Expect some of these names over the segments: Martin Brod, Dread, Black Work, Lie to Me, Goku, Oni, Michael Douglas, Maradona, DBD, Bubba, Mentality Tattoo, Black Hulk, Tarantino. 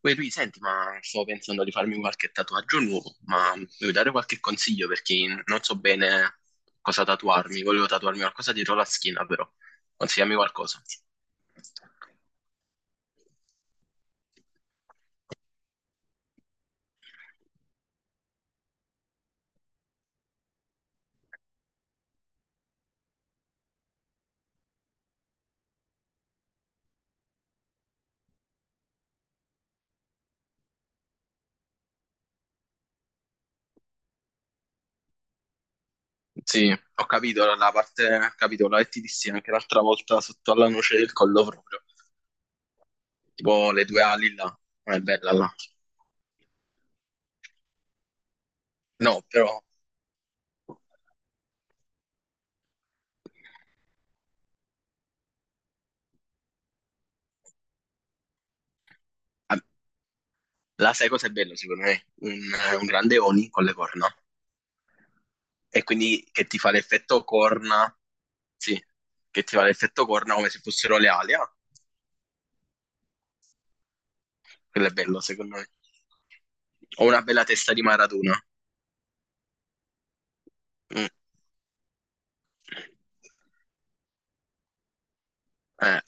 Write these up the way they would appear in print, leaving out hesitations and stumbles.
Poi lui, senti, ma sto pensando di farmi qualche tatuaggio nuovo, ma mi vuoi dare qualche consiglio perché non so bene cosa tatuarmi. Volevo tatuarmi qualcosa dietro la schiena, però. Consigliami qualcosa. Sì, ho capito la parte, ho capito la che ti dissi anche l'altra volta sotto alla noce del collo proprio. Tipo le due ali là. Non è bella là. No, però... La sai cosa è bello, secondo me? Un grande Oni con le corna. E quindi che ti fa l'effetto corna, sì, che ti fa l'effetto corna come se fossero le ali. Ah, quello è bello, secondo me. Ho una bella testa di Maradona. Mm. Eh,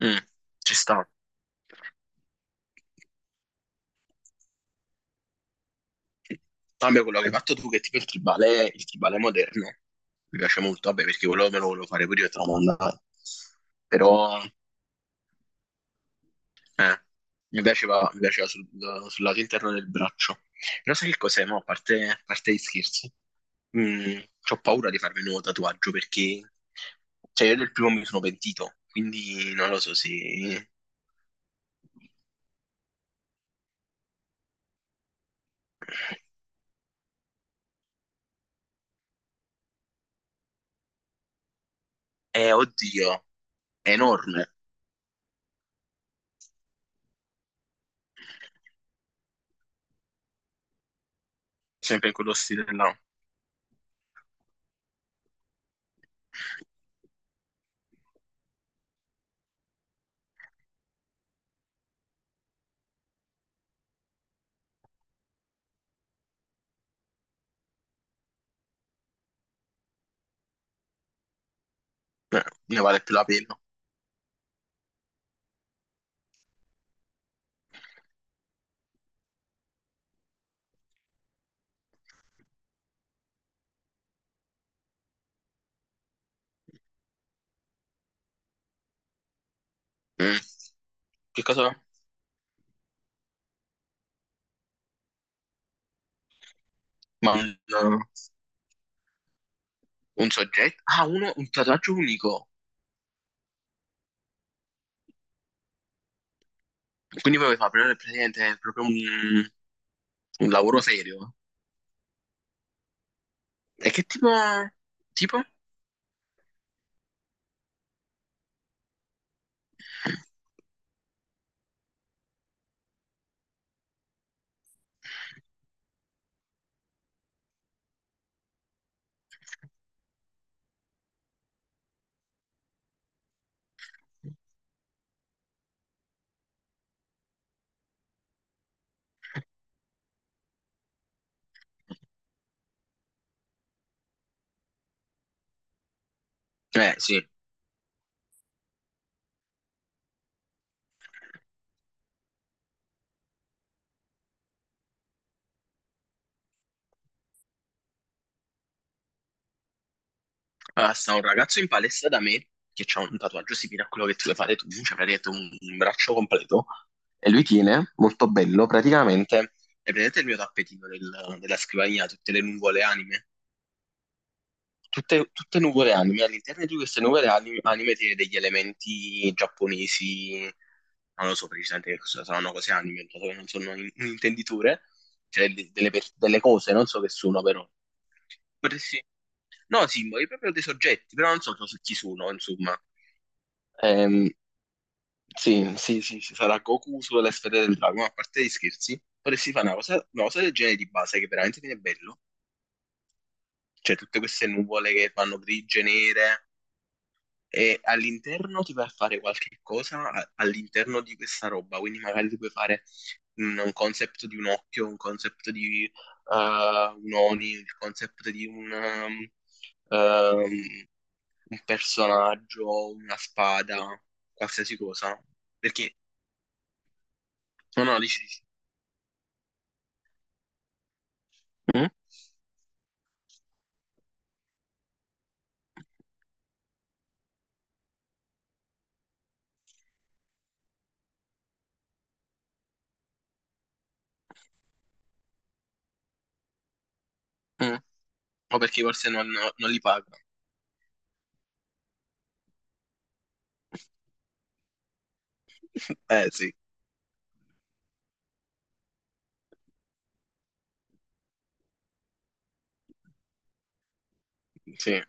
mm, Ci sta. Cambio quello che hai fatto tu, che tipo il tribale moderno. Mi piace molto, vabbè, perché quello me lo volevo fare pure io e te lo mandavo. Però Eh, mi piaceva, mi piaceva sul lato interno del braccio. Però sai che cos'è, mo? A parte gli scherzi, mm, ho paura di farmi un nuovo tatuaggio perché, cioè, io del primo mi sono pentito, quindi non lo so se... oddio, è enorme, sempre in quello stile là. Eh, ne vale più la pena. Mm, che cosa? Ma un soggetto? Ah, un tatuaggio unico. Quindi puoi fare praticamente proprio un lavoro serio? E che tipo... Tipo? Sì. Allora, sta un ragazzo in palestra da me che ha un tatuaggio simile a quello che tu vuoi fare tu, cioè praticamente un braccio completo, e lui tiene, molto bello, praticamente, è praticamente il mio tappetino della scrivania, tutte le nuvole anime. Tutte nuvole anime, all'interno di queste nuvole anime, anime tiene degli elementi giapponesi, non lo so precisamente che cosa saranno cose anime, non sono un intenditore, cioè delle, delle cose, non so che sono però. Potresti... No, simboli, proprio dei soggetti, però non so so su chi sono, insomma. Ehm, sì, sì, sì, sì, sarà Goku sulla sfera del drago, ma a parte gli scherzi, potresti fare una cosa del genere di base che veramente viene bello. Cioè, tutte queste nuvole che fanno grigie, nere, e all'interno ti vai a fare qualche cosa all'interno di questa roba, quindi magari ti puoi fare un concept di un occhio, un concept di un Oni, il concept di ehm, un personaggio, una spada, qualsiasi cosa, no? Perché, no, no, dici, dici. Mm? Mm. O perché forse non, no, non li paga. Sì, sì.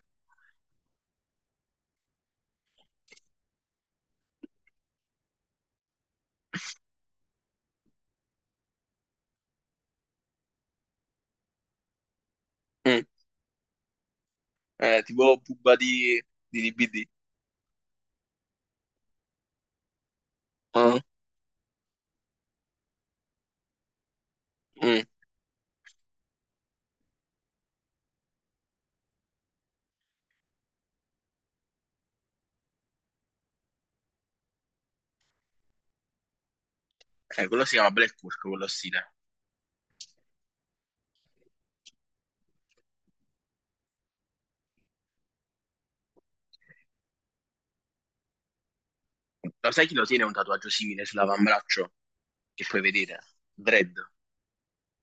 Mm. Tipo Bubba di DBD. Mm. Mm. Quello si chiama Black Hulk, quello stile. Lo sai chi lo tiene un tatuaggio simile sull'avambraccio? Che puoi vedere? Dread,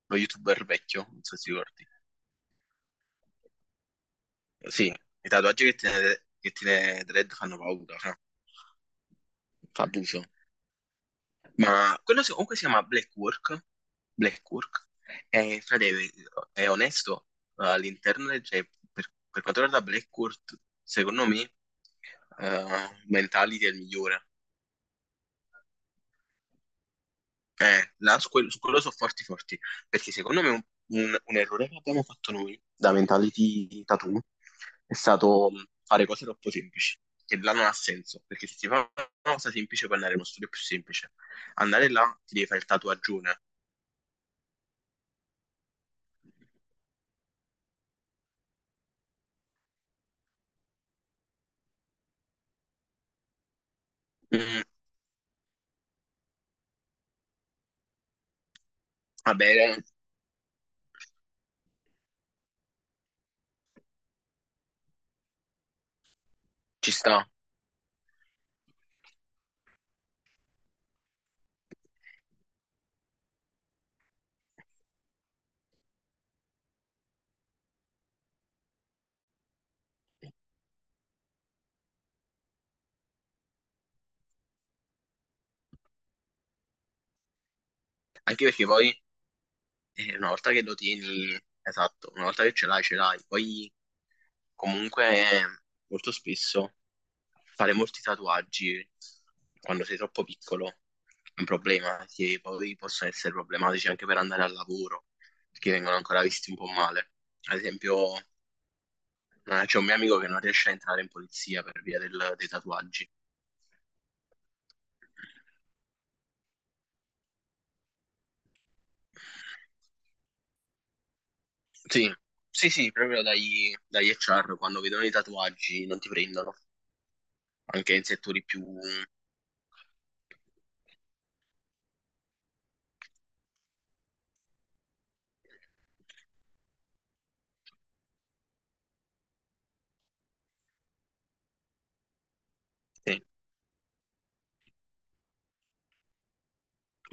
lo youtuber vecchio, non so se ti ricordi. Sì, i tatuaggi che tiene Dread fanno paura, fra. Fa abuso. Ma comunque si chiama Black Work. Black Work. E, frate, è onesto, all'interno, cioè, per quanto riguarda Black Work, secondo me, Mentality è il migliore. Là su quello sono forti forti, perché secondo me un, un errore che abbiamo fatto noi da Mentality Tattoo è stato mm, fare cose troppo semplici, che là non ha senso, perché se si fa una cosa semplice puoi andare in uno studio più semplice. Andare là ti devi fare il tatuaggione. Vabbè, ci sta. Anche perché poi una volta che lo tieni, esatto, una volta che ce l'hai, ce l'hai. Poi comunque eh, molto spesso fare molti tatuaggi quando sei troppo piccolo è un problema, che poi possono essere problematici anche per andare al lavoro, perché vengono ancora visti un po' male. Ad esempio, c'è un mio amico che non riesce a entrare in polizia per via dei tatuaggi. Sì, sì, sì, proprio dagli, dagli HR quando vedono i tatuaggi non ti prendono, anche in settori più... Sì.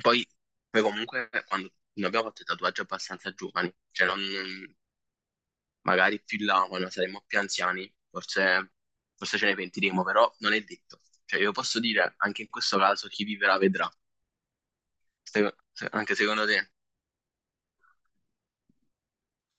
Poi, poi comunque quando noi abbiamo fatto i tatuaggi abbastanza giovani, magari più in là quando saremo più anziani, forse, forse ce ne pentiremo, però non è detto. Cioè io posso dire, anche in questo caso, chi vivrà vedrà, anche secondo te.